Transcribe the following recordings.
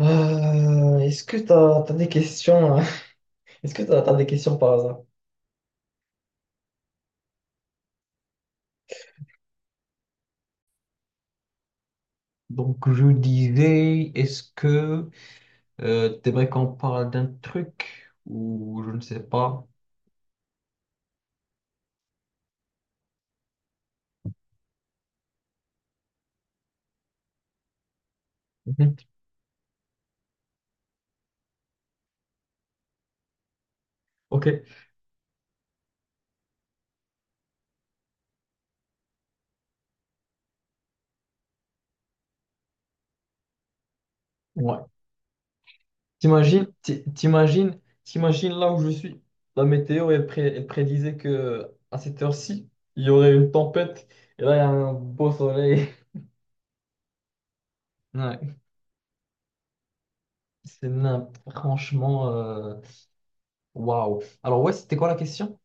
Est-ce que t'as des questions? Hein. Est-ce que t'as des questions par hasard? Donc, je disais, est-ce que t'aimerais qu'on parle d'un truc ou je ne sais pas? Mhm. Ok. Ouais. T'imagines, t'imagines, t'imagines là où je suis. La météo, elle, elle prédisait que à cette heure-ci, il y aurait une tempête. Et là, il y a un beau soleil. Ouais. Franchement, waouh. Alors, ouais, c'était quoi la question?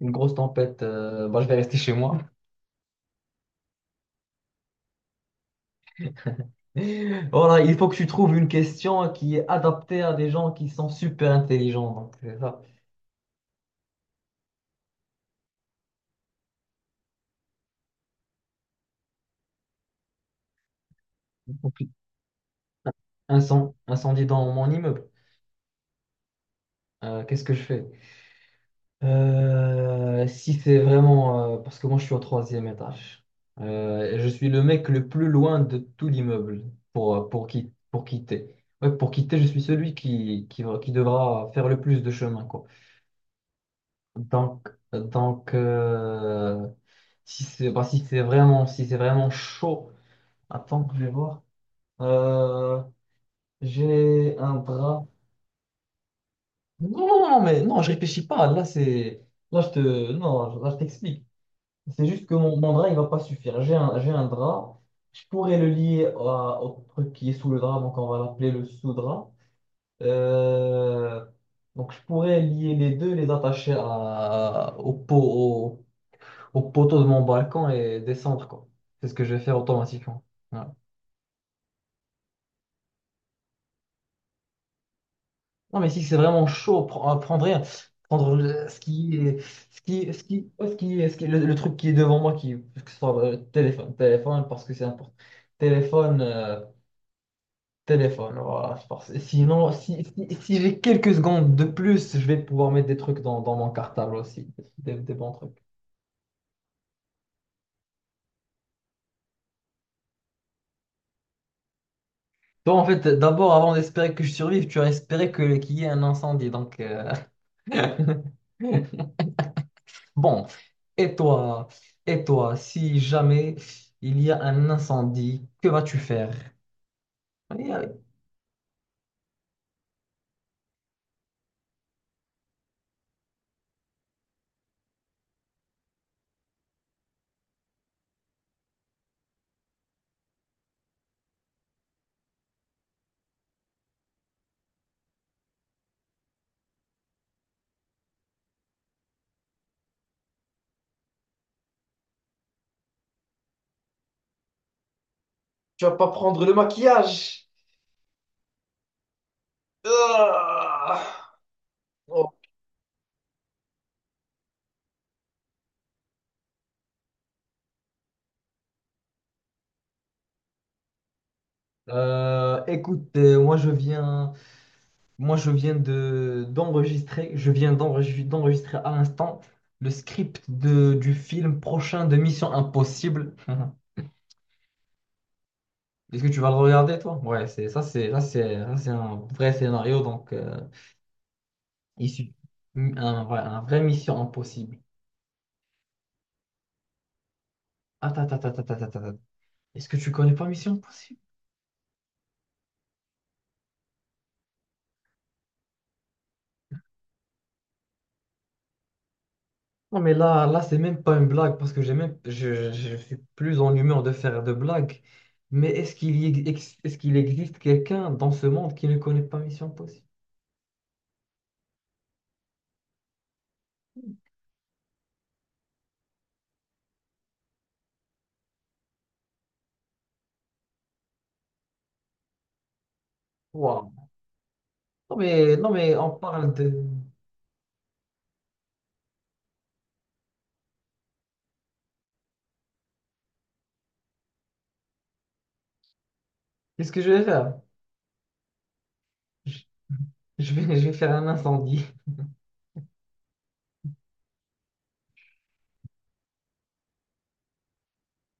Une grosse tempête. Bah, je vais rester chez moi. Voilà, il faut que tu trouves une question qui est adaptée à des gens qui sont super intelligents. Donc, c'est ça. Donc, incendie dans mon immeuble. Qu'est-ce que je fais? Si c'est vraiment... parce que moi, je suis au troisième étage. Et je suis le mec le plus loin de tout l'immeuble pour, pour quitter. Ouais, pour quitter, je suis celui qui devra faire le plus de chemin, quoi. Donc, si c'est bah, si c'est vraiment, si c'est vraiment chaud, attends que je vais voir. Euh, j'ai un drap. Non, mais non, je réfléchis pas. Là, c'est. Là, je te. Non, là, je t'explique. C'est juste que mon drap, il va pas suffire. J'ai un drap. Je pourrais le lier au truc qui est sous le drap, donc on va l'appeler le sous-drap. Euh, donc, je pourrais lier les deux, les attacher à, au poteau de mon balcon et descendre, quoi. C'est ce que je vais faire automatiquement. Voilà. Non, mais si c'est vraiment chaud, prendre rien. Ce qui est, ouais, ce qui est- le truc qui est devant moi, qui, que ce soit téléphone, parce que c'est important. Téléphone, voilà. Je pense. Et sinon, si j'ai quelques secondes de plus, je vais pouvoir mettre des trucs dans mon cartable aussi, des bons trucs. Toi, en fait, d'abord, avant d'espérer que je survive, tu as espéré que, qu'il y ait un incendie, donc... Bon, Et toi, et toi, si jamais il y a un incendie, que vas-tu faire? Aïe, aïe. Tu vas pas prendre le maquillage. Ah. Écoute, moi je viens de d'enregistrer, je viens d'enregistrer à l'instant le script de, du film prochain de Mission Impossible. Est-ce que tu vas le regarder toi? Ouais, c'est ça, c'est un vrai scénario donc issu un vrai Mission Impossible. Attends. Attends. Est-ce que tu connais pas Mission Impossible? Non, mais là, là, c'est même pas une blague parce que j'ai même, je suis plus en humeur de faire de blagues. Mais est-ce qu'il existe quelqu'un dans ce monde qui ne connaît pas Mission Impossible? Waouh. Non, mais, non, mais on parle de. Qu'est-ce que je vais faire? Je, je vais faire un incendie.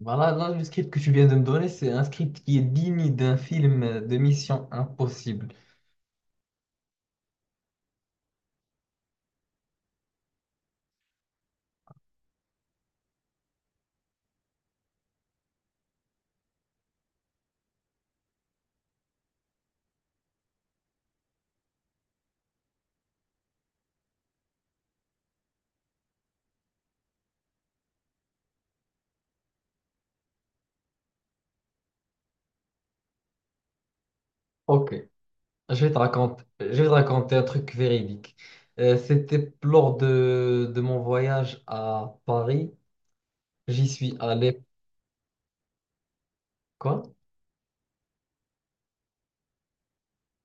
Voilà, là, le script que tu viens de me donner, c'est un script qui est digne d'un film de Mission Impossible. Ok. Je vais te raconter un truc véridique. C'était lors de mon voyage à Paris. J'y suis allé. Quoi?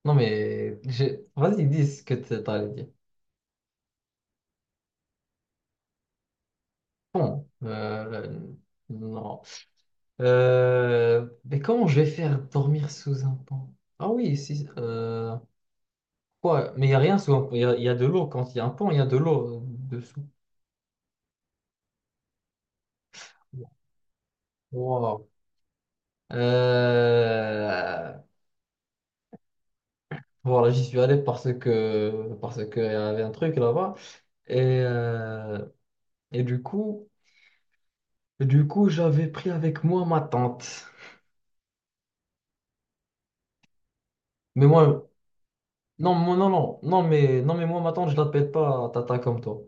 Non, mais vas-y, dis ce que tu allé dire. Bon, non. Mais comment je vais faire dormir sous un pont? Ah oui, si. Euh, quoi? Mais il n'y a rien sous un pont. Il y a de l'eau. Quand il y a un pont, il y a de l'eau dessous. Wow. Euh, voilà, j'y suis allé parce qu'il y avait un truc là-bas. Et, et du coup, j'avais pris avec moi ma tante. Mais moi, non, moi, non, mais non, mais moi, ma tante, je l'appelle pas Tata comme toi.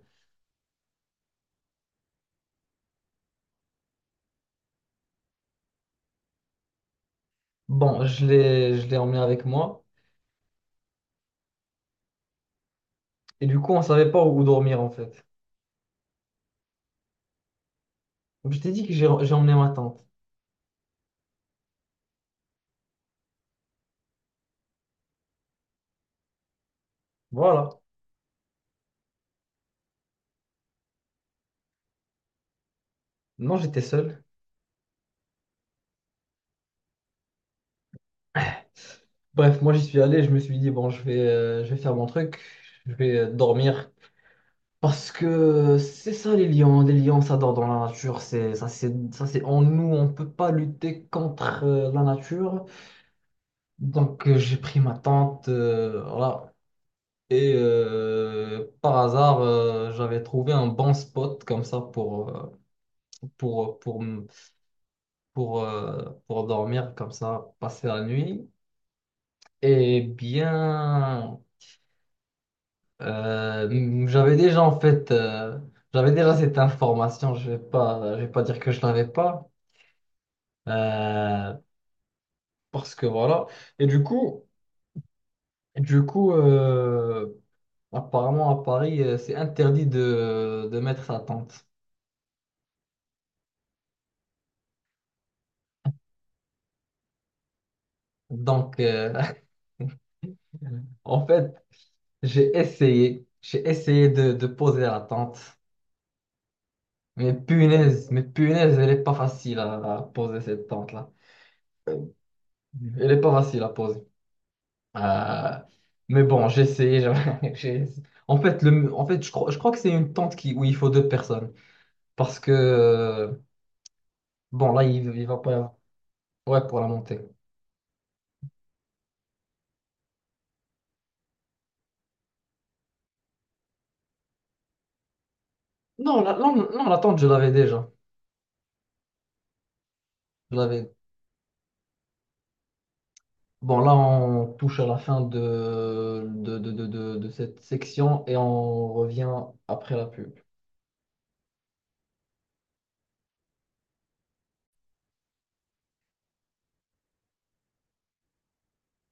Bon, je l'ai emmenée avec moi. Et du coup, on savait pas où dormir en fait. Donc je t'ai dit que j'ai emmené ma tante. Voilà. Non, j'étais seul. Bref, moi j'y suis allé, je me suis dit, bon, je vais faire mon truc, je vais dormir. Parce que c'est ça les lions ça dort dans la nature, c'est en nous, on peut pas lutter contre la nature. Donc j'ai pris ma tente, voilà. Et par hasard, j'avais trouvé un bon spot comme ça pour pour pour m- pour dormir comme ça, passer la nuit. Et bien, euh, j'avais déjà en fait, euh, j'avais déjà cette information. Je vais pas dire que je l'avais pas. Euh, parce que voilà. Et du coup, apparemment à Paris, c'est interdit de mettre sa tente. Donc, en fait, j'ai essayé. J'ai essayé de poser la tente. Mais punaise, elle est pas facile à poser cette tente-là. Elle est pas facile à poser. Euh, mais bon, j'ai essayé. En fait, en fait je crois que c'est une tente qui, où il faut deux personnes. Parce que. Bon, là, il va pas y avoir. Ouais, pour la montée. Non, non, l'attente, je l'avais déjà. Je l'avais. Bon, là, on touche à la fin de cette section et on revient après la pub.